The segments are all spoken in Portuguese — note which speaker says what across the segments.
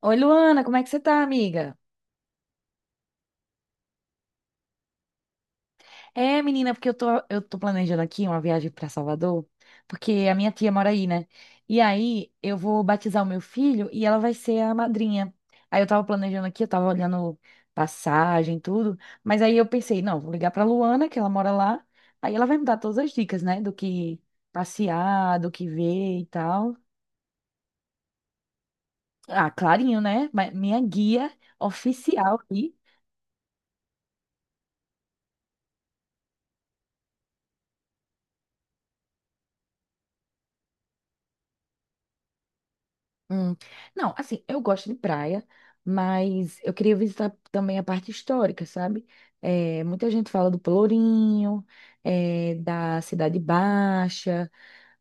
Speaker 1: Oi, Luana, como é que você tá, amiga? É, menina, porque eu tô planejando aqui uma viagem pra Salvador, porque a minha tia mora aí, né? E aí eu vou batizar o meu filho e ela vai ser a madrinha. Aí eu tava planejando aqui, eu tava olhando passagem, tudo, mas aí eu pensei, não, vou ligar pra Luana, que ela mora lá, aí ela vai me dar todas as dicas, né, do que passear, do que ver e tal. Ah, clarinho, né? Minha guia oficial aqui. Hum. Não, assim, eu gosto de praia, mas eu queria visitar também a parte histórica, sabe? É, muita gente fala do Pelourinho, é, da Cidade Baixa,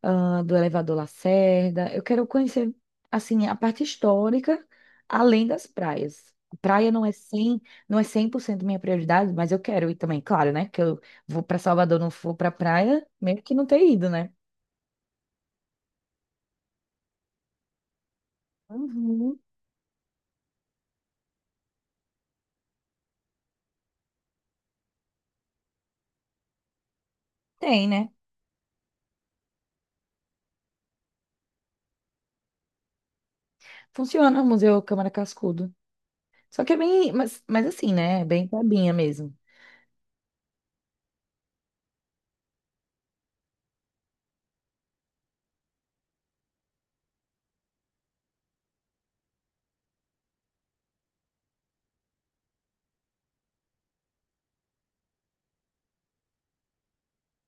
Speaker 1: ah, do Elevador Lacerda. Eu quero conhecer, assim, a parte histórica, além das praias. Praia não é 100, não é 100% minha prioridade, mas eu quero ir também, claro, né? Que eu vou para Salvador, não for para praia, mesmo que não ter ido, né? Uhum. Tem, né? Funciona o Museu Câmara Cascudo. Só que é bem, mas assim, né? É bem cabinha mesmo.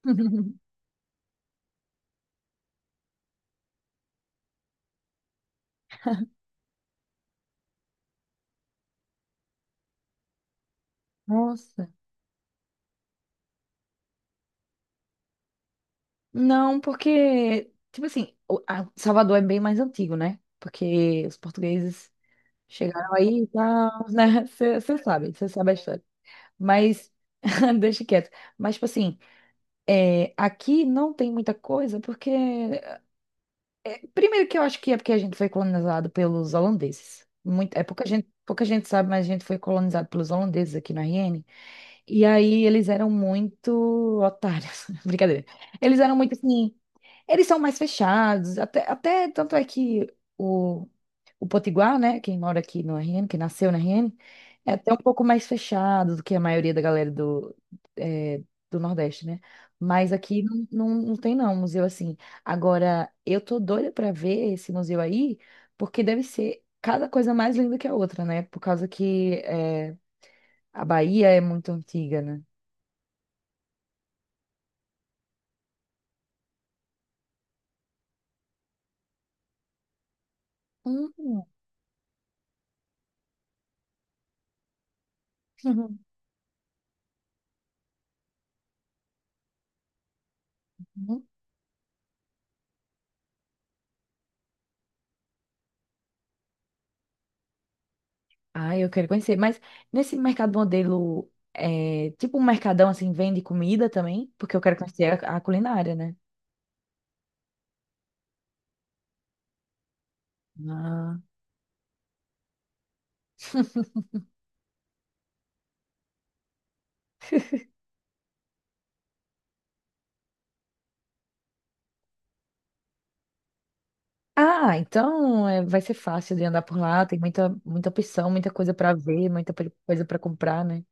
Speaker 1: Nossa. Não, porque, tipo assim, Salvador é bem mais antigo, né? Porque os portugueses chegaram aí e tal, né? Você sabe a história. Mas, deixa quieto. Mas, tipo assim, é, aqui não tem muita coisa, porque. Primeiro que eu acho que é porque a gente foi colonizado pelos holandeses. Muito, é pouca gente sabe, mas a gente foi colonizado pelos holandeses aqui na RN. E aí eles eram muito otários. Brincadeira. Eles eram muito assim. Eles são mais fechados. Até tanto é que o, o Potiguar, né? Quem mora aqui no RN, que nasceu na RN, é até um pouco mais fechado do que a maioria da galera do, é, do Nordeste, né? Mas aqui não, não, não tem não, museu assim. Agora, eu tô doida pra ver esse museu aí, porque deve ser cada coisa mais linda que a outra, né? Por causa que é, a Bahia é muito antiga, né? Hum. Uhum. Ah, eu quero conhecer. Mas nesse mercado modelo, é, tipo um mercadão assim, vende comida também? Porque eu quero conhecer a culinária, né? Ah, Ah, então é, vai ser fácil de andar por lá. Tem muita, muita opção, muita coisa para ver, coisa para comprar, né?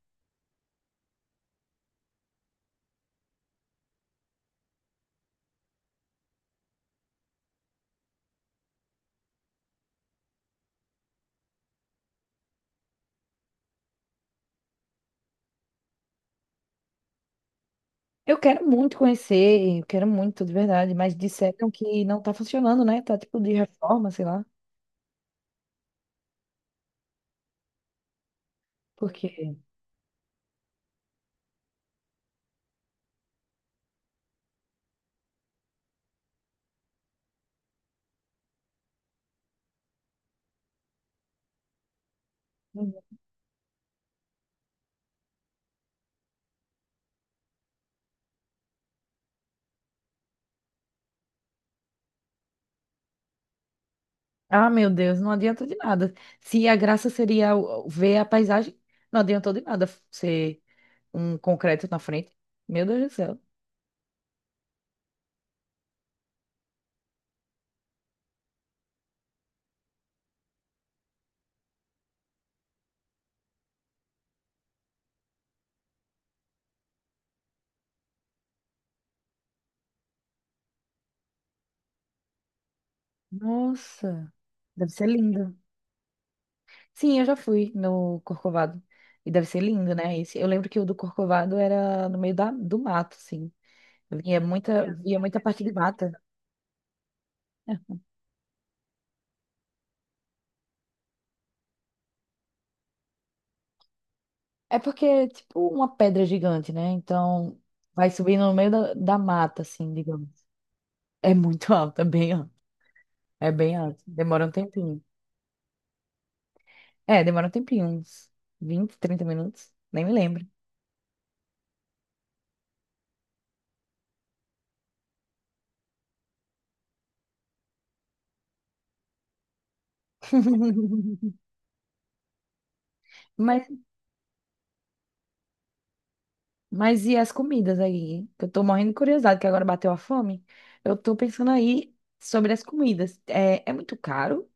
Speaker 1: Eu quero muito conhecer, eu quero muito, de verdade. Mas disseram que não tá funcionando, né? Tá tipo de reforma, sei lá. Por quê? Ah, meu Deus, não adianta de nada. Se a graça seria o ver a paisagem, não adiantou de nada ser um concreto na frente. Meu Deus do céu. Nossa, deve ser lindo. Sim, eu já fui no Corcovado. E deve ser lindo, né? Esse, eu lembro que o do Corcovado era no meio do mato, sim. Via muita parte de mata. É porque é tipo uma pedra gigante, né? Então vai subindo no meio da mata, assim, digamos. É muito alta. É bem alto. Demora um tempinho. É, demora um tempinho, uns 20 30 minutos. Nem me lembro. Mas, mas e as comidas aí? Que eu tô morrendo de curiosidade, que agora bateu a fome. Eu tô pensando aí sobre as comidas. É, é muito caro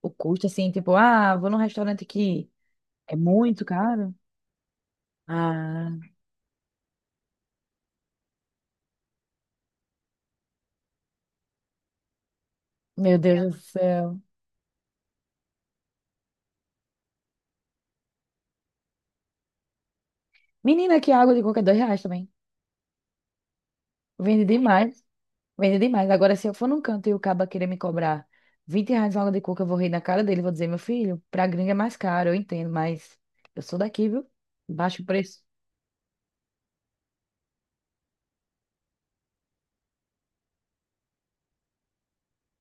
Speaker 1: o custo, assim, tipo, ah, vou num restaurante aqui. É muito caro? Ah, meu Deus do céu. Menina, que água de coca é R$ 2 também. Vende demais. Vende demais. Agora, se eu for num canto e o caba querer me cobrar R$ 20 uma água de coco, eu vou rir na cara dele. Vou dizer, meu filho, pra gringa é mais caro, eu entendo, mas eu sou daqui, viu? Baixo preço.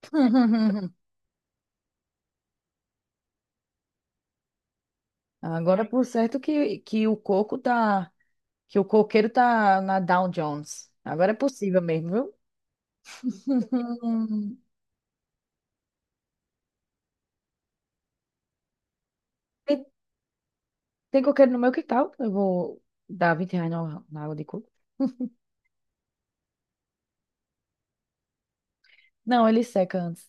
Speaker 1: Agora, por certo que o coco tá. Que o coqueiro tá na Dow Jones. Agora é possível mesmo, viu? Tem, tem coqueiro no meu quintal. Eu vou dar R$ 20 na água de coco. Não, ele seca antes.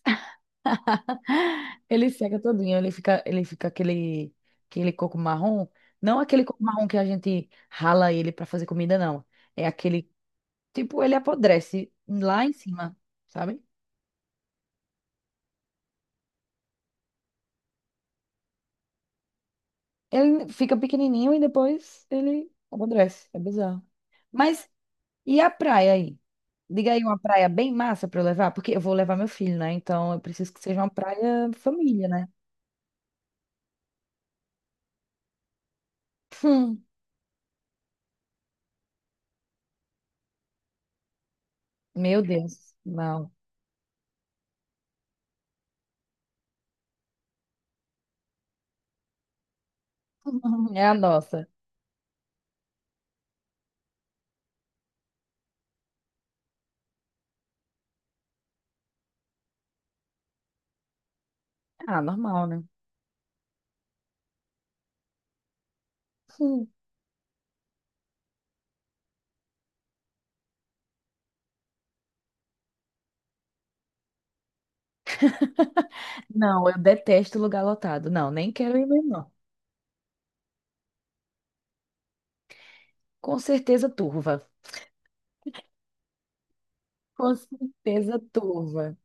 Speaker 1: Ele seca todinho, ele fica aquele, aquele coco marrom. Não aquele coco marrom que a gente rala ele para fazer comida, não. É aquele, tipo, ele apodrece lá em cima, sabe? Ele fica pequenininho e depois ele apodrece. É bizarro. Mas e a praia aí? Diga aí uma praia bem massa para eu levar, porque eu vou levar meu filho, né? Então eu preciso que seja uma praia família, né? Hum, meu Deus, não. É a nossa. Ah, normal, né? Não, eu detesto lugar lotado. Não, nem quero ir mesmo, não. Com certeza turva. Com certeza turva.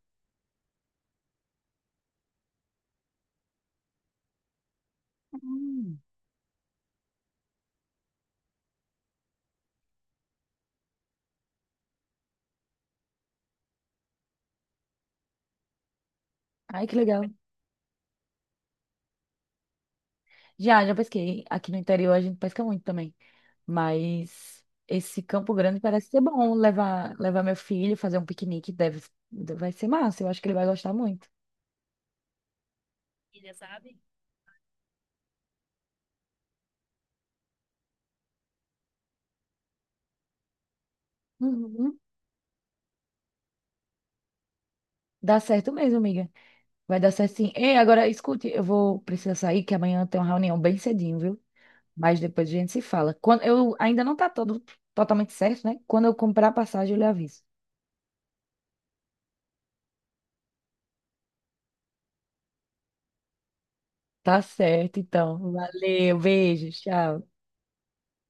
Speaker 1: Hum. Ai, que legal. Já pesquei. Aqui no interior a gente pesca muito também. Mas esse Campo Grande parece ser bom. Levar meu filho, fazer um piquenique, deve, vai ser massa. Eu acho que ele vai gostar muito. Uhum. Dá certo mesmo, amiga. Vai dar certo sim. Ei, agora escute, eu vou precisar sair, que amanhã tem uma reunião bem cedinho, viu? Mas depois a gente se fala. Quando eu ainda não tá todo totalmente certo, né? Quando eu comprar a passagem, eu lhe aviso. Tá certo, então. Valeu, beijos, tchau.